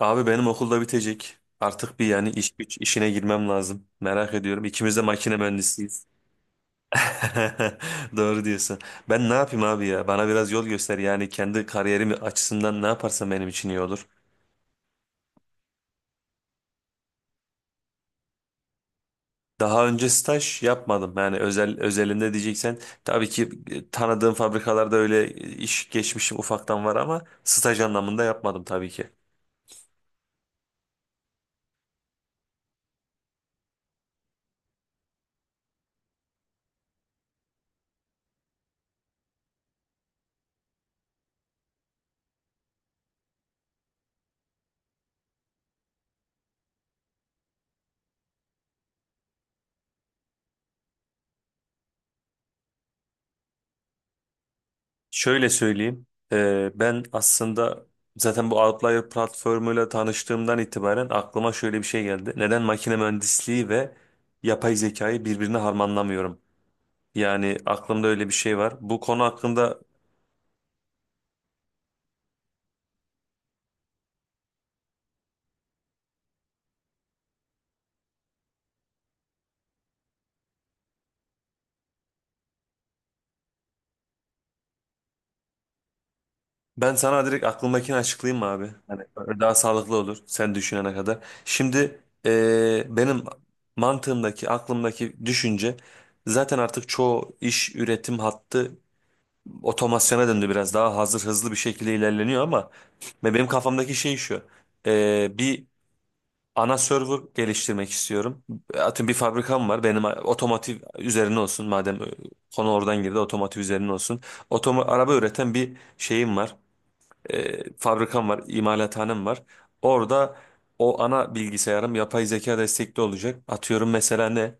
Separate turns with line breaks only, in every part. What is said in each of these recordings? Abi benim okulda bitecek. Artık bir yani iş güç işine girmem lazım. Merak ediyorum. İkimiz de makine mühendisiyiz. Doğru diyorsun. Ben ne yapayım abi ya? Bana biraz yol göster. Yani kendi kariyerim açısından ne yaparsam benim için iyi olur. Daha önce staj yapmadım. Yani özel özelinde diyeceksen tabii ki tanıdığım fabrikalarda öyle iş geçmişim ufaktan var ama staj anlamında yapmadım tabii ki. Şöyle söyleyeyim. Ben aslında zaten bu Outlier platformuyla tanıştığımdan itibaren aklıma şöyle bir şey geldi. Neden makine mühendisliği ve yapay zekayı birbirine harmanlamıyorum? Yani aklımda öyle bir şey var. Bu konu hakkında ben sana direkt aklımdakini açıklayayım mı abi? Hani daha sağlıklı olur sen düşünene kadar. Şimdi benim mantığımdaki, aklımdaki düşünce, zaten artık çoğu iş üretim hattı otomasyona döndü, biraz daha hazır hızlı bir şekilde ilerleniyor ama ve benim kafamdaki şey şu. Bir ana server geliştirmek istiyorum. Atın bir fabrikam var benim, otomotiv üzerine olsun madem, konu oradan girdi, otomotiv üzerine olsun. Araba üreten bir şeyim var. Fabrikam var, imalathanem var, orada o ana bilgisayarım yapay zeka destekli olacak. Atıyorum mesela ne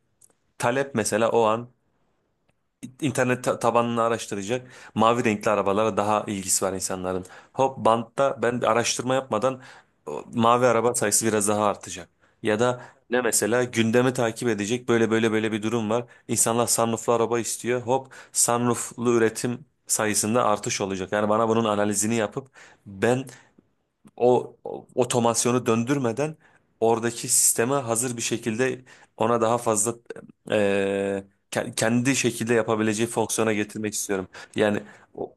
talep, mesela o an tabanını araştıracak. Mavi renkli arabalara daha ilgisi var insanların. Hop, bantta ben de araştırma yapmadan mavi araba sayısı biraz daha artacak. Ya da ne, mesela gündemi takip edecek, böyle böyle böyle bir durum var. İnsanlar sunrooflu araba istiyor. Hop, sunrooflu üretim sayısında artış olacak. Yani bana bunun analizini yapıp ben o otomasyonu döndürmeden oradaki sisteme hazır bir şekilde ona daha fazla e, kendi şekilde yapabileceği fonksiyona getirmek istiyorum. Yani o-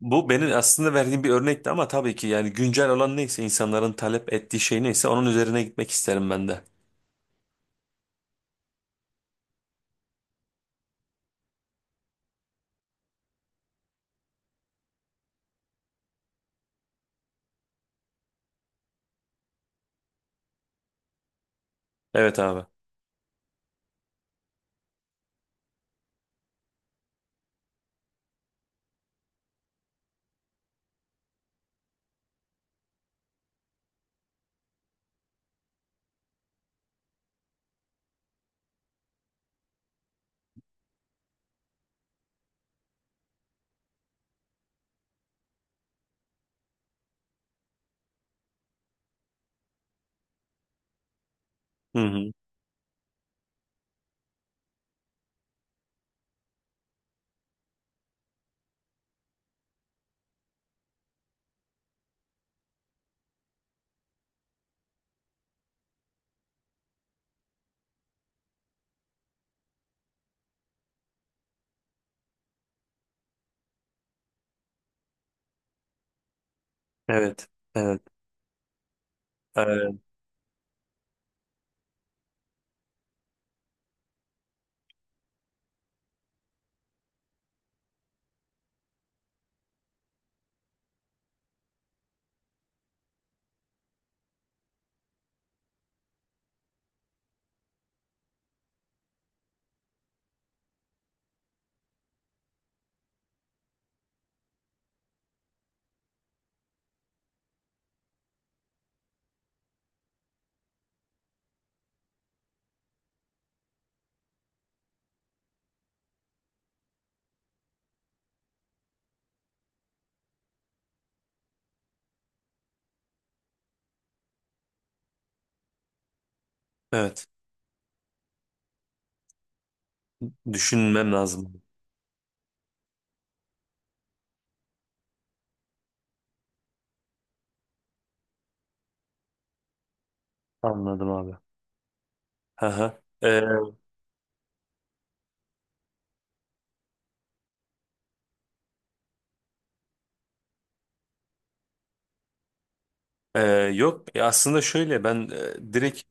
Bu benim aslında verdiğim bir örnekti ama tabii ki, yani güncel olan neyse, insanların talep ettiği şey neyse onun üzerine gitmek isterim ben de. Evet abi. Hı hı. Evet. Evet. Ee, evet. Düşünmem lazım. Anladım abi. Hı hı. E, yok, aslında şöyle ben direkt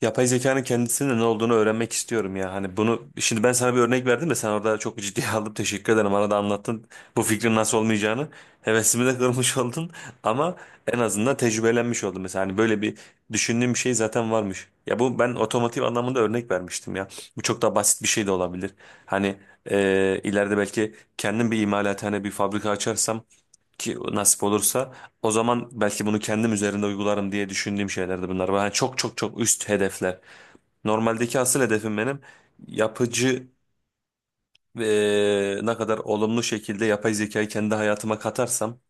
yapay zekanın kendisinin ne olduğunu öğrenmek istiyorum ya. Hani bunu şimdi ben sana bir örnek verdim de sen orada çok ciddiye aldın. Teşekkür ederim. Bana da anlattın bu fikrin nasıl olmayacağını. Hevesimi de kırmış oldun ama en azından tecrübelenmiş oldum. Mesela hani böyle bir düşündüğüm bir şey zaten varmış. Ya bu, ben otomotiv anlamında örnek vermiştim ya. Bu çok daha basit bir şey de olabilir. Hani ileride belki kendim bir imalathane, bir fabrika açarsam, ki nasip olursa, o zaman belki bunu kendim üzerinde uygularım diye düşündüğüm şeylerdi bunlar. Yani çok çok çok üst hedefler. Normaldeki asıl hedefim benim yapıcı, ne kadar olumlu şekilde yapay zekayı kendi hayatıma katarsam.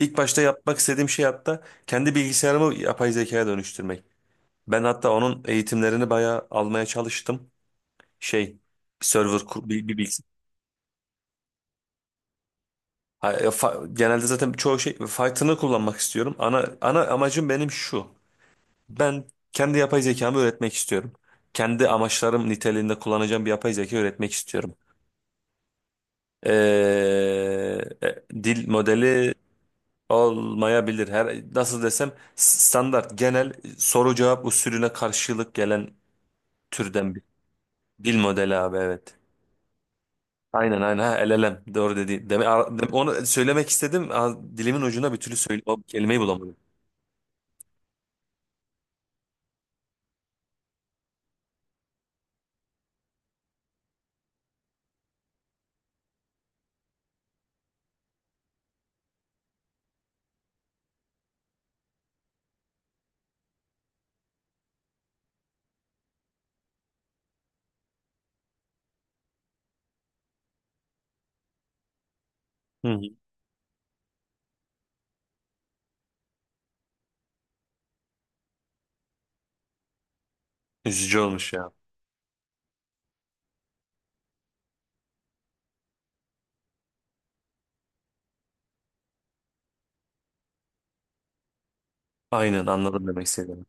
İlk başta yapmak istediğim şey hatta kendi bilgisayarımı yapay zekaya dönüştürmek. Ben hatta onun eğitimlerini bayağı almaya çalıştım. Şey server kur- bir, bir bilgis- Genelde zaten çoğu şey Python'ı kullanmak istiyorum. Ana amacım benim şu. Ben kendi yapay zekamı öğretmek istiyorum. Kendi amaçlarım niteliğinde kullanacağım bir yapay zeka öğretmek istiyorum. Ee, dil modeli olmayabilir. Her, nasıl desem, standart genel soru cevap usulüne karşılık gelen türden bir dil modeli abi, evet. Aynen ha, LLM, doğru dedi. Onu söylemek istedim. Dilimin ucuna bir türlü söyle, o kelimeyi bulamadım. Hı hı. Üzücü olmuş ya. Aynen, anladım demek istediğimi.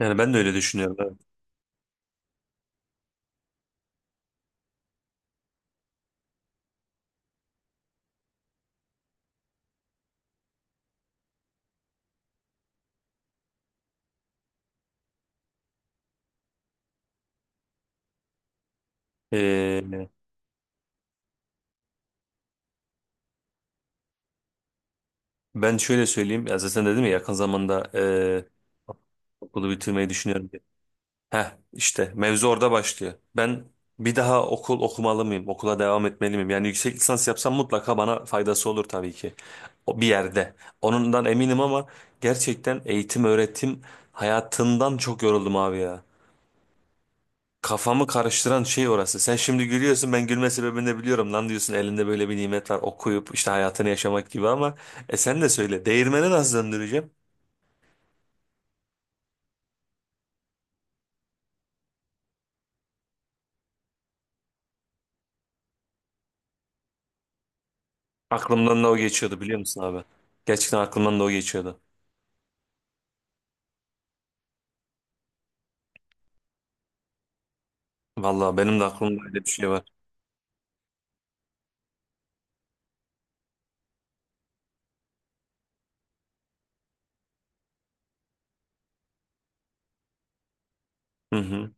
Yani ben de öyle düşünüyorum. Evet. Ee, ben şöyle söyleyeyim. Ya zaten dedim ya, yakın zamanda okulu bitirmeyi düşünüyorum diye. Heh, işte mevzu orada başlıyor. Ben bir daha okul okumalı mıyım? Okula devam etmeli miyim? Yani yüksek lisans yapsam mutlaka bana faydası olur tabii ki. O bir yerde. Onundan eminim ama gerçekten eğitim öğretim hayatından çok yoruldum abi ya. Kafamı karıştıran şey orası. Sen şimdi gülüyorsun, ben gülme sebebini de biliyorum. Lan diyorsun, elinde böyle bir nimet var, okuyup işte hayatını yaşamak gibi ama sen de söyle, değirmeni nasıl döndüreceğim? Aklımdan da o geçiyordu, biliyor musun abi? Gerçekten aklımdan da o geçiyordu. Vallahi benim de aklımda öyle bir şey var. Hı hı.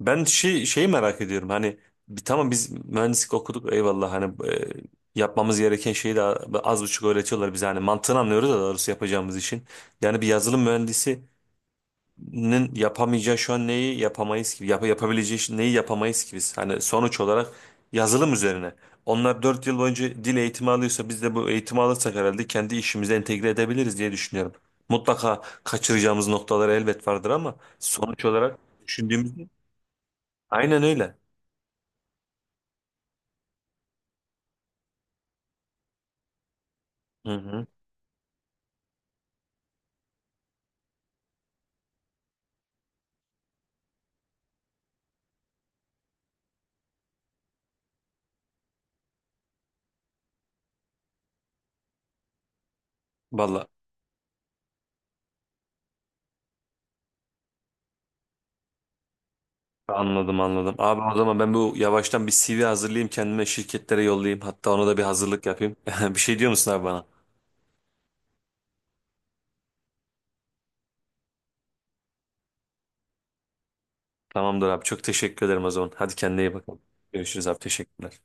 Ben şeyi merak ediyorum, hani bir, tamam biz mühendislik okuduk, eyvallah, hani yapmamız gereken şeyi de az buçuk öğretiyorlar bize, hani mantığını anlıyoruz da doğrusu yapacağımız işin. Yani bir yazılım mühendisi nin yapamayacağı, şu an neyi yapamayız gibi, yapabileceği neyi yapamayız gibi, hani sonuç olarak yazılım üzerine, onlar 4 yıl boyunca dil eğitimi alıyorsa biz de bu eğitimi alırsak herhalde kendi işimize entegre edebiliriz diye düşünüyorum. Mutlaka kaçıracağımız noktalar elbet vardır ama sonuç olarak düşündüğümüzde, aynen öyle. Hı hı. Valla anladım, anladım abi. O zaman ben bu yavaştan bir CV hazırlayayım kendime, şirketlere yollayayım, hatta ona da bir hazırlık yapayım. Bir şey diyor musun abi bana? Tamamdır abi, çok teşekkür ederim o zaman. Hadi kendine iyi bak. Görüşürüz abi, teşekkürler.